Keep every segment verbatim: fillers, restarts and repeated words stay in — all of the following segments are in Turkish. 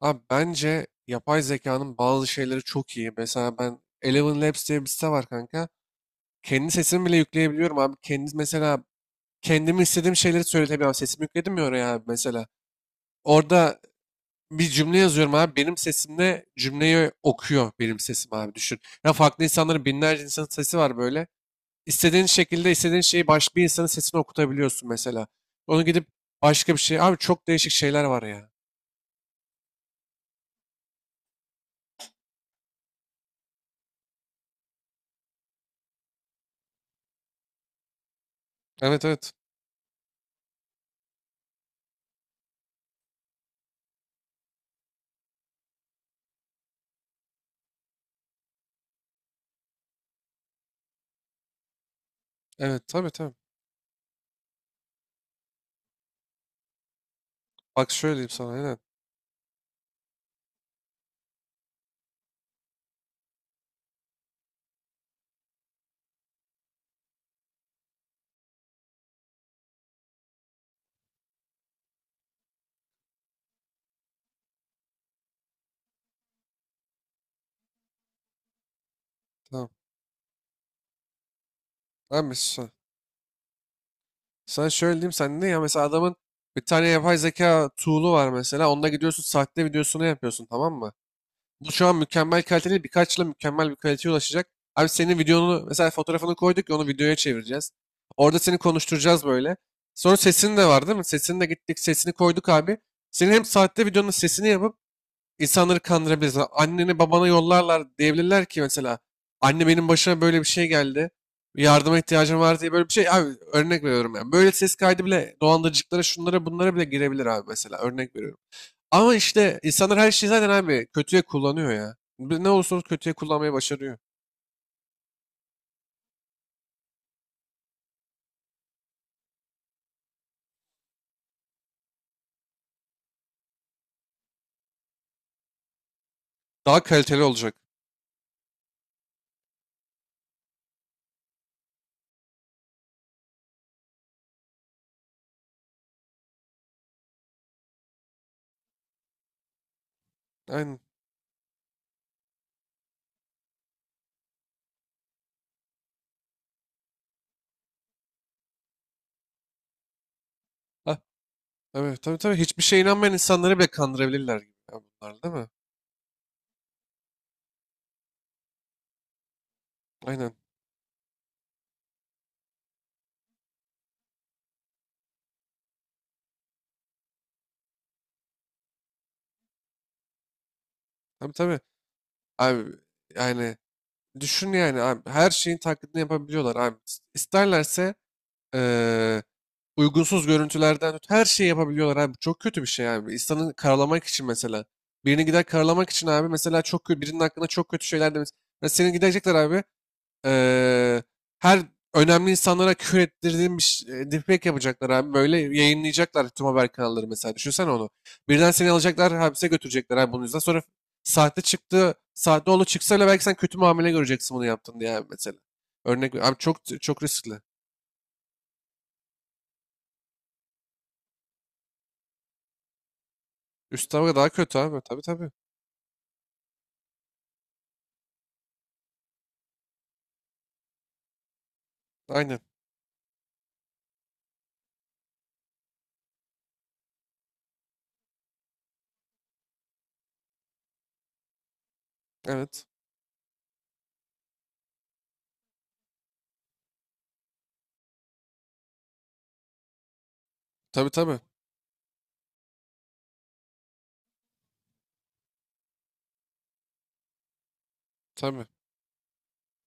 Abi bence yapay zekanın bazı şeyleri çok iyi. Mesela ben Eleven Labs diye bir site var kanka. Kendi sesimi bile yükleyebiliyorum abi. Kendi mesela kendimi istediğim şeyleri söyletebiliyorum. Sesimi yükledim ya oraya abi mesela. Orada bir cümle yazıyorum abi. Benim sesimle cümleyi okuyor benim sesim abi düşün. Ya farklı insanların binlerce insanın sesi var böyle. İstediğin şekilde istediğin şeyi başka bir insanın sesini okutabiliyorsun mesela. Onu gidip başka bir şey. Abi çok değişik şeyler var ya. Evet, evet. Evet, tabii, tabii. Bak şöyle diyeyim sana. Aynen. Tamam. Abi sen, sana şöyle diyeyim, sen ne ya, mesela adamın bir tane yapay zeka tool'u var, mesela onda gidiyorsun sahte videosunu yapıyorsun, tamam mı? Bu şu an mükemmel kaliteli, birkaç yıla mükemmel bir kaliteye ulaşacak. Abi senin videonu mesela, fotoğrafını koyduk ya, onu videoya çevireceğiz. Orada seni konuşturacağız böyle. Sonra sesin de var değil mi? Sesini de gittik, sesini koyduk abi. Senin hem sahte videonun sesini yapıp İnsanları kandırabiliriz. Anneni babana yollarlar, diyebilirler ki mesela, anne benim başıma böyle bir şey geldi. Yardıma ihtiyacım var diye, böyle bir şey. Abi örnek veriyorum yani. Böyle ses kaydı bile dolandırıcılıklara, şunlara bunlara bile girebilir abi, mesela örnek veriyorum. Ama işte insanlar her şeyi zaten abi kötüye kullanıyor ya. Bir- Ne olursa olsun kötüye kullanmayı başarıyor. Daha kaliteli olacak. Aynen. Ha, evet, tabii, tabii. Hiçbir şeye inanmayan insanları bile kandırabilirler gibi ya, bunlar değil mi? Aynen. Tabii, tabii. Abi yani düşün yani abi. Her şeyin taklidini yapabiliyorlar abi. İs- İsterlerse eee, uygunsuz görüntülerden tut, her şeyi yapabiliyorlar abi. Çok kötü bir şey abi. İnsanı karalamak için mesela. Birini gider karalamak için abi mesela, çok kötü, birinin hakkında çok kötü şeyler demiş. Mesela seni gidecekler abi, eee, her önemli insanlara küfür ettirdiğim bir ş- e, deepfake yapacaklar abi. Böyle yayınlayacaklar tüm haber kanalları mesela. Düşünsene onu. Birden seni alacaklar, hapse götürecekler abi bunun yüzünden. Sonra sahte çıktı, sahte oğlu çıksa bile belki sen kötü muamele göreceksin, bunu yaptın diye abi mesela. Örnek abi, çok çok riskli. Üst tabaka daha kötü abi. Tabii, tabii. Aynen. Evet. Tabii, tabii. Tabii.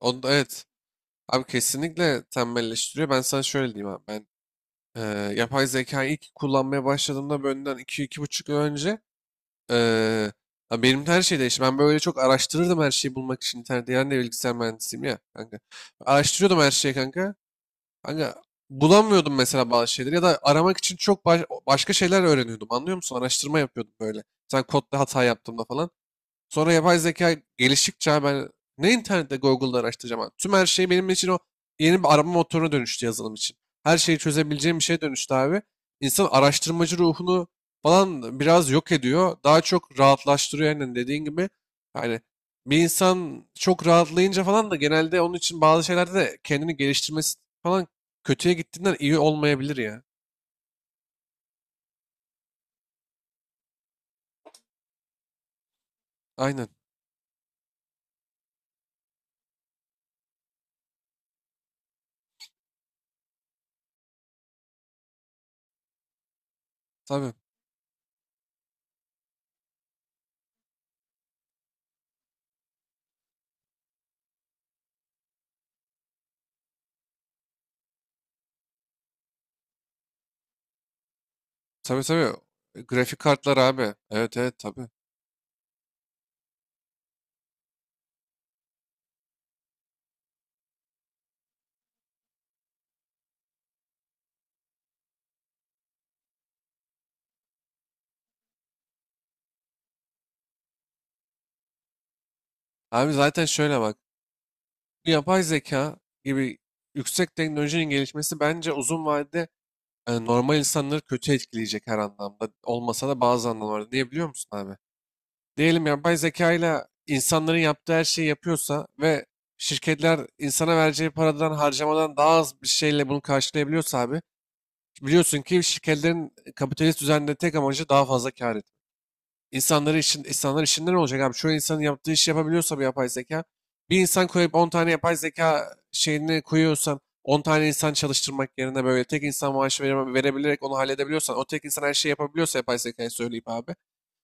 Onu evet. Abi kesinlikle tembelleştiriyor. Ben sana şöyle diyeyim abi. Ben Ee, yapay zekayı ilk kullanmaya başladığımda, benden iki iki buçuk yıl önce, ee, ya benim de her şey değişti. Ben böyle çok araştırırdım her şeyi bulmak için internette. Yani de bilgisayar mühendisiyim ya kanka. Araştırıyordum her şeyi kanka. Kanka bulamıyordum mesela bazı şeyleri, ya da aramak için çok baş- başka şeyler öğreniyordum. Anlıyor musun? Araştırma yapıyordum böyle. Sen kodda hata yaptığımda falan. Sonra yapay zeka geliştikçe abi, ben ne internette Google'da araştıracağım abi. Tüm her şey benim için o yeni bir arama motoruna dönüştü yazılım için. Her şeyi çözebileceğim bir şeye dönüştü abi. İnsan araştırmacı ruhunu falan biraz yok ediyor. Daha çok rahatlaştırıyor, aynen dediğin gibi. Yani bir insan çok rahatlayınca falan da, genelde onun için bazı şeylerde de kendini geliştirmesi falan kötüye gittiğinden iyi olmayabilir ya. Aynen. Tabii. Tabii, tabii. Grafik kartlar abi. Evet, evet, tabii. Abi zaten şöyle bak. Bu yapay zeka gibi yüksek teknolojinin gelişmesi bence uzun vadede yani normal insanları kötü etkileyecek her anlamda. Olmasa da bazı anlamlarda. Niye biliyor musun abi? Diyelim yapay zeka ile insanların yaptığı her şeyi yapıyorsa ve şirketler insana vereceği paradan harcamadan daha az bir şeyle bunu karşılayabiliyorsa abi, biliyorsun ki şirketlerin kapitalist düzende tek amacı daha fazla kar. İnsanları işin, insanlar işinden olacak abi. Çoğu insanın yaptığı işi yapabiliyorsa bir yapay zeka. Bir insan koyup on tane yapay zeka şeyini koyuyorsan, on tane insan çalıştırmak yerine böyle tek insan maaşı vere- verebilerek onu halledebiliyorsan, o tek insan her şeyi yapabiliyorsa yapay zekayı söyleyip abi,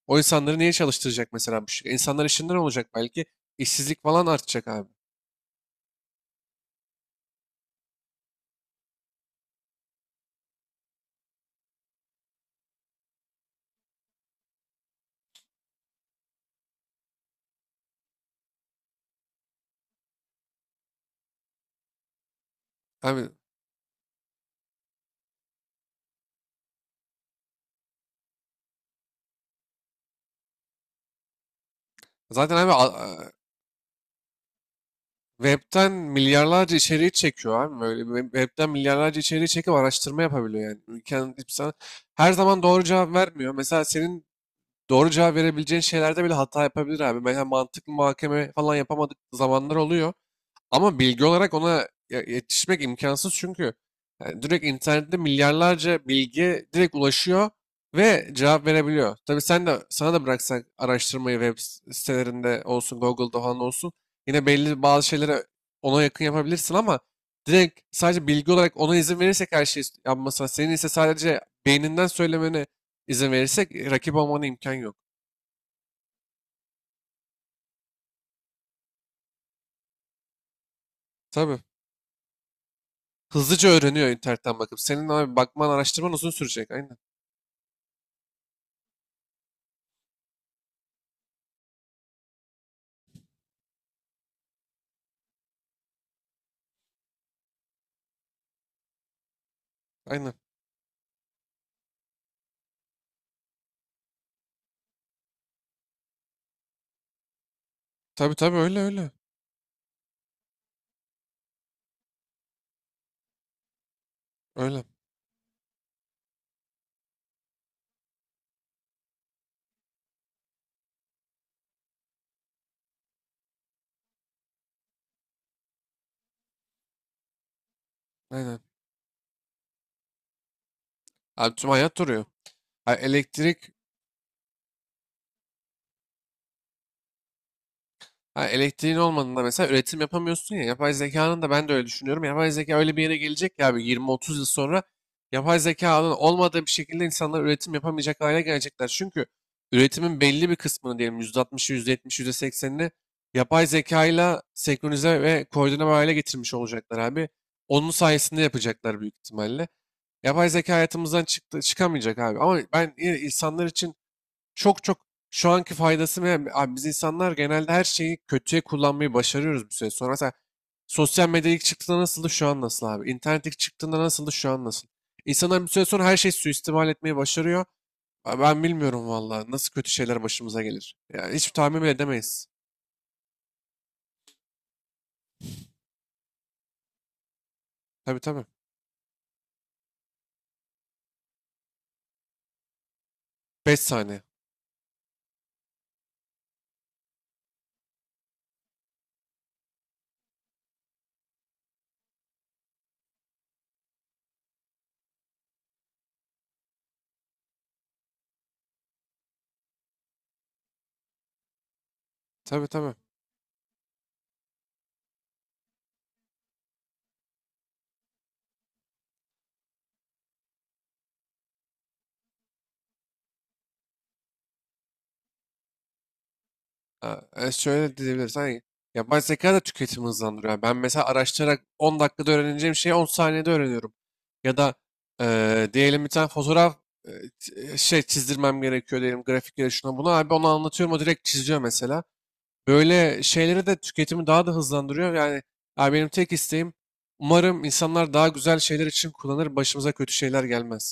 o insanları niye çalıştıracak mesela bu şey? İnsanlar işinden olacak belki. İşsizlik falan artacak abi. Abi zaten abi a- Web'ten milyarlarca içeriği çekiyor abi. Böyle web- web'ten milyarlarca içeriği çekip araştırma yapabiliyor yani. Ülkenin insan her zaman doğru cevap vermiyor. Mesela senin doğru cevap verebileceğin şeylerde bile hata yapabilir abi. Mesela mantıklı muhakeme falan yapamadık zamanlar oluyor. Ama bilgi olarak ona ya- yetişmek imkansız, çünkü yani direkt internette milyarlarca bilgi direkt ulaşıyor ve cevap verebiliyor. Tabii sen de, sana da bıraksak araştırmayı, web sitelerinde olsun, Google'da falan olsun, yine belli bazı şeylere ona yakın yapabilirsin, ama direkt sadece bilgi olarak ona izin verirsek her şeyi yapmasına, senin ise sadece beyninden söylemene izin verirsek e, rakip olmana imkan yok. Tabii. Hızlıca öğreniyor internetten bakıp. Senin abi bakman, araştırman uzun sürecek. Aynen. Aynen. Tabii, tabii, öyle öyle. Öyle. Aynen. Abi tüm hayat duruyor. Ha, elektrik. Ha, elektriğin olmadığında mesela üretim yapamıyorsun ya. Yapay zekanın da, ben de öyle düşünüyorum. Yapay zeka öyle bir yere gelecek ya abi, yirmi otuz yıl sonra yapay zekanın olmadığı bir şekilde insanlar üretim yapamayacak hale gelecekler. Çünkü üretimin belli bir kısmını, diyelim yüzde altmışı, yüzde yetmişi, yüzde seksenini yapay zekayla senkronize ve koordine hale getirmiş olacaklar abi. Onun sayesinde yapacaklar büyük ihtimalle. Yapay zeka hayatımızdan çıktı, çıkamayacak abi. Ama ben yine insanlar için çok çok şu anki faydası mı? Abi biz insanlar genelde her şeyi kötüye kullanmayı başarıyoruz bir süre sonra. Mesela sosyal medya ilk çıktığında nasıldı, şu an nasıl abi? İnternet ilk çıktığında nasıldı, şu an nasıl? İnsanlar bir süre sonra her şeyi suistimal etmeyi başarıyor. Abi ben bilmiyorum vallahi nasıl kötü şeyler başımıza gelir. Yani hiç tahmin bile edemeyiz. Tabii, tabii. Beş saniye. Tabii, tabii. Ha, e, şöyle diyebiliriz. Hani yapay zeka da tüketimi hızlandırıyor. Yani ben mesela araştırarak on dakikada öğreneceğim şeyi on saniyede öğreniyorum. Ya da e, diyelim bir tane fotoğraf e, t- e, şey çizdirmem gerekiyor diyelim, grafiklere şuna buna. Abi onu anlatıyorum, o direkt çiziyor mesela. Böyle şeyleri de tüketimi daha da hızlandırıyor. Yani abi, benim tek isteğim umarım insanlar daha güzel şeyler için kullanır, başımıza kötü şeyler gelmez.